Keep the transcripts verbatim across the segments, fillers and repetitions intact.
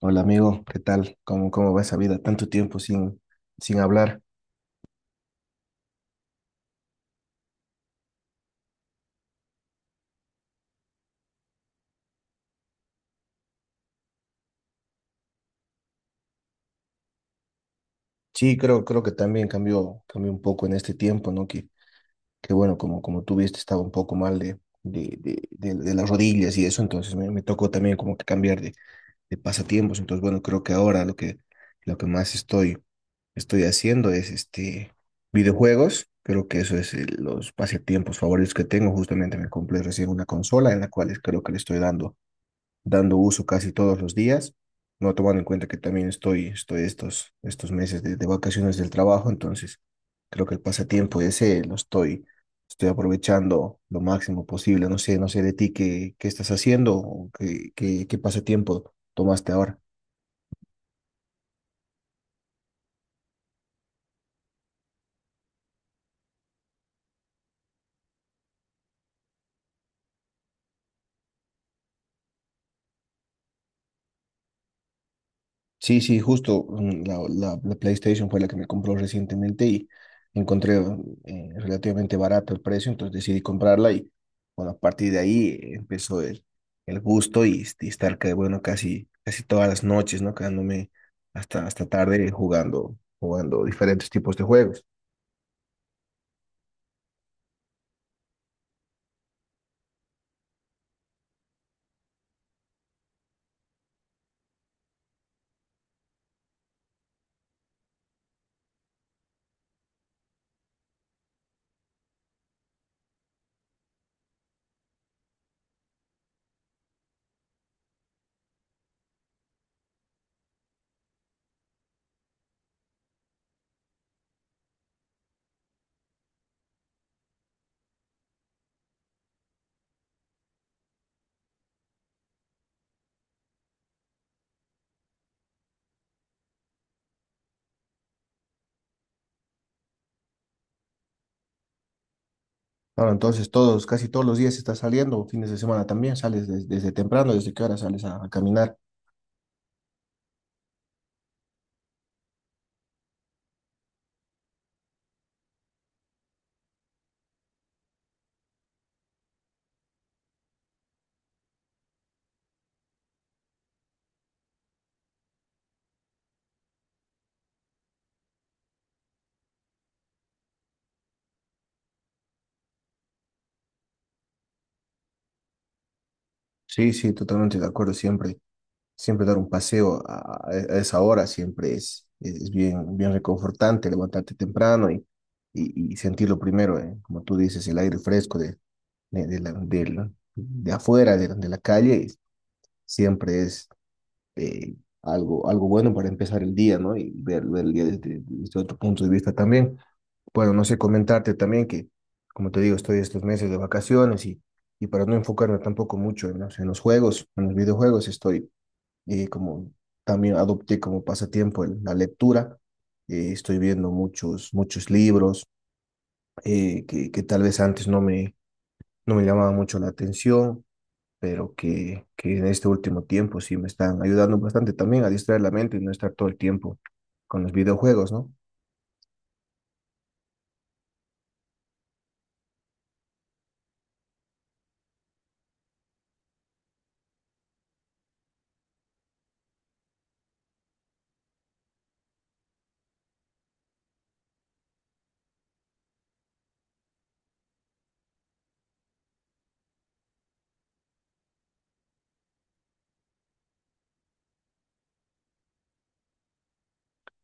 Hola amigo, ¿qué tal? ¿Cómo, cómo va esa vida? Tanto tiempo sin, sin hablar. Sí, creo, creo que también cambió, cambió un poco en este tiempo, ¿no? Que, que bueno, como, como tú viste, estaba un poco mal de, de, de, de- de las rodillas y eso, entonces me, me tocó también como que cambiar de, de pasatiempos. Entonces, bueno, creo que ahora lo que, lo que más estoy, estoy haciendo es este videojuegos. Creo que eso es eh, los pasatiempos favoritos que tengo. Justamente me compré recién una consola en la cual creo que le estoy dando dando uso casi todos los días, no tomando en cuenta que también estoy, estoy estos, estos meses de, de vacaciones del trabajo, entonces creo que el pasatiempo ese lo estoy, estoy aprovechando lo máximo posible. No sé, no sé de ti qué, qué estás haciendo o qué, qué, qué pasatiempo tomaste ahora. Sí, sí, justo mm, la, la, la PlayStation fue la que me compró recientemente y encontré eh, relativamente barato el precio, entonces decidí comprarla y bueno, a partir de ahí eh, empezó el, el gusto y, y estar que, bueno, casi, casi todas las noches, ¿no? Quedándome hasta, hasta tarde jugando, jugando diferentes tipos de juegos. Ahora, entonces todos, casi todos los días estás saliendo, fines de semana también, sales des- desde temprano, desde qué hora sales a a caminar. Sí, sí, totalmente de acuerdo siempre. Siempre dar un paseo a, a esa hora siempre es, es bien, bien reconfortante, levantarte temprano y, y, y sentirlo primero, eh, como tú dices, el aire fresco de, de, de la, del- de afuera, de, de la calle, siempre es eh, algo, algo bueno para empezar el día, ¿no? Y ver, ver el día desde, desde otro punto de vista también. Bueno, no sé, comentarte también que, como te digo, estoy estos meses de vacaciones y, y para no enfocarme tampoco mucho en los, en los juegos, en los videojuegos, estoy y como también adopté como pasatiempo el- la lectura. Eh, estoy viendo muchos, muchos libros eh, que, que tal vez antes no me, no me llamaban mucho la atención, pero que, que en este último tiempo sí me están ayudando bastante también a distraer la mente y no estar todo el tiempo con los videojuegos, ¿no?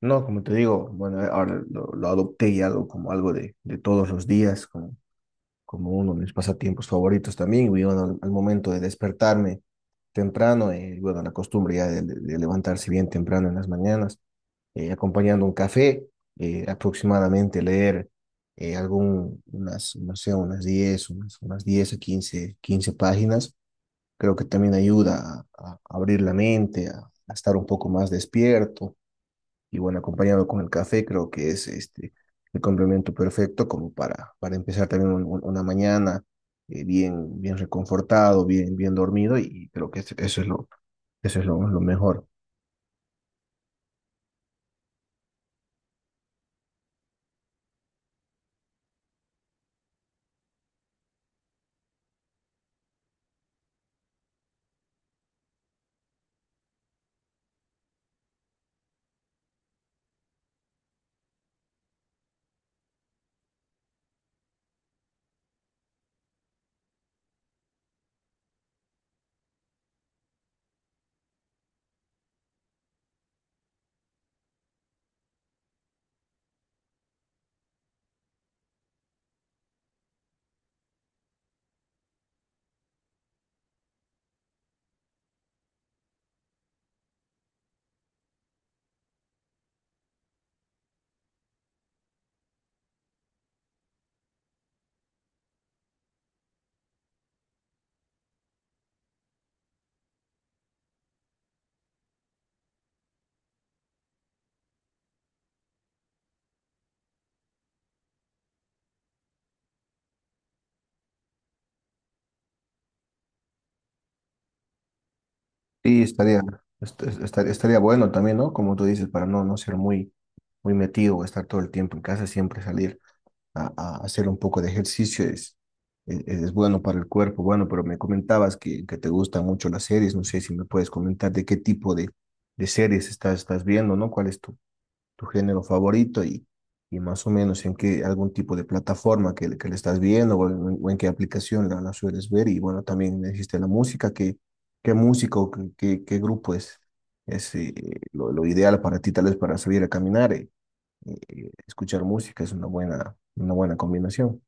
No, como te digo, bueno, ahora lo, lo adopté y hago como algo de, de todos los días, como, como uno de mis pasatiempos favoritos también. Y bueno, al al momento de despertarme temprano, eh, bueno, la costumbre ya de, de levantarse bien temprano en las mañanas, eh, acompañando un café, eh, aproximadamente leer eh, algún, unas, no sé, unas diez unas, unas diez a quince quince páginas. Creo que también ayuda a, a abrir la mente, a, a estar un poco más despierto. Y bueno, acompañado con el café, creo que es este, el complemento perfecto como para, para empezar también un- un- una mañana eh, bien, bien reconfortado, bien, bien dormido. Y creo que eso es lo, eso es lo, lo mejor. Y estaría, est- est- estar- estaría bueno también, ¿no? Como tú dices, para no, no ser muy, muy metido o estar todo el tiempo en casa, siempre salir a, a hacer un poco de ejercicio es, es, es bueno para el cuerpo. Bueno, pero me comentabas que, que te gustan mucho las series, no sé si me puedes comentar de qué tipo de, de series estás, estás viendo, ¿no? ¿Cuál es tu, tu género favorito y, y más o menos en qué algún tipo de plataforma que, le- que le estás viendo o en, o en qué aplicación la, la sueles ver. Y bueno, también existe la música, qué, qué música o qué, qué, qué grupo es, es eh, lo, lo ideal para ti, tal vez para salir a caminar. eh, eh, escuchar música es una buena, una buena combinación.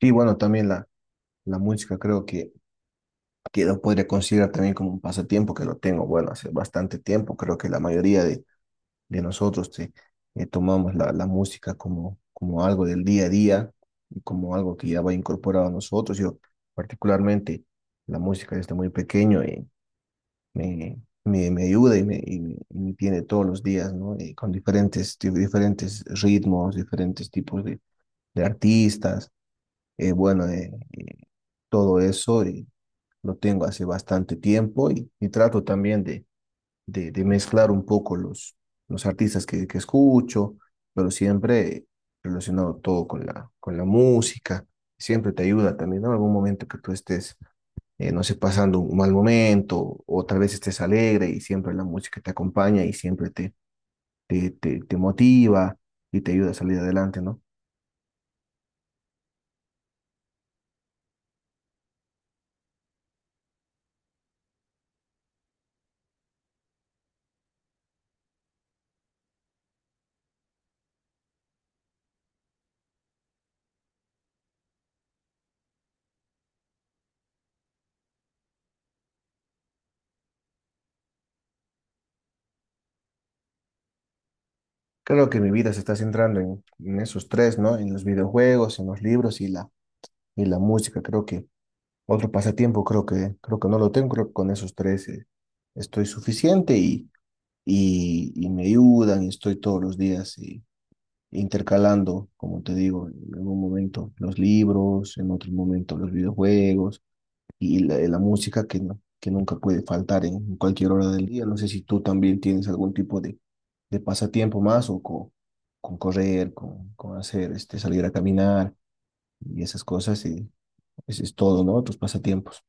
Y bueno, también la, la música creo que, que lo podría considerar también como un pasatiempo que lo tengo, bueno, hace bastante tiempo, creo que la mayoría de de nosotros, te- eh, tomamos la, la música como, como algo del día a día y como algo que ya va incorporado a nosotros. Yo particularmente la música desde muy pequeño eh, me, me, me ayuda y me, y me, y me tiene todos los días, ¿no? Eh, con diferentes, di- diferentes ritmos, diferentes tipos de, de artistas. Eh, bueno, eh, eh, todo eso eh, lo tengo hace bastante tiempo y, y trato también de de, de mezclar un poco los, los artistas que, que escucho, pero siempre relacionado todo con la, con la música. Siempre te ayuda también, ¿no? En algún momento que tú estés, eh, no sé, pasando un mal momento o tal vez estés alegre y siempre la música te acompaña y siempre te, te, te, te motiva y te ayuda a salir adelante, ¿no? Creo que mi vida se está centrando en, en esos tres, ¿no? En los videojuegos, en los libros y la, y la música. Creo que otro pasatiempo creo que, creo que no lo tengo, creo que con esos tres eh, estoy suficiente y, y, y me ayudan y estoy todos los días y, intercalando, como te digo, en un momento los libros, en otro momento los videojuegos y la, la música que, no- que nunca puede faltar en cualquier hora del día. No sé si tú también tienes algún tipo de, de pasatiempo más o co- con correr, con, con hacer, este, salir a caminar y esas cosas y eso es todo, ¿no? Tus pasatiempos.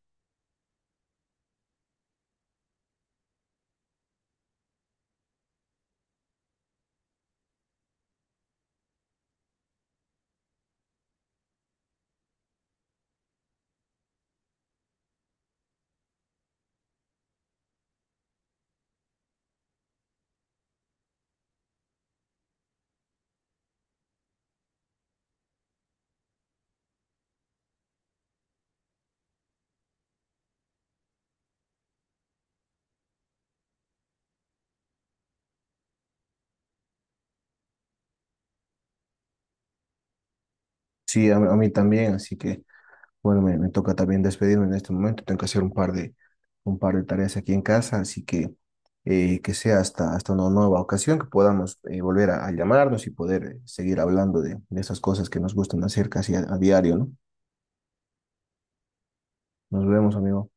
Sí, a, a mí también, así que bueno, me, me toca también despedirme en este momento. Tengo que hacer un par de, un par de tareas aquí en casa, así que eh, que sea hasta, hasta una nueva ocasión, que podamos eh, volver a, a llamarnos y poder eh, seguir hablando de, de esas cosas que nos gustan hacer casi a a diario, ¿no? Nos vemos, amigo.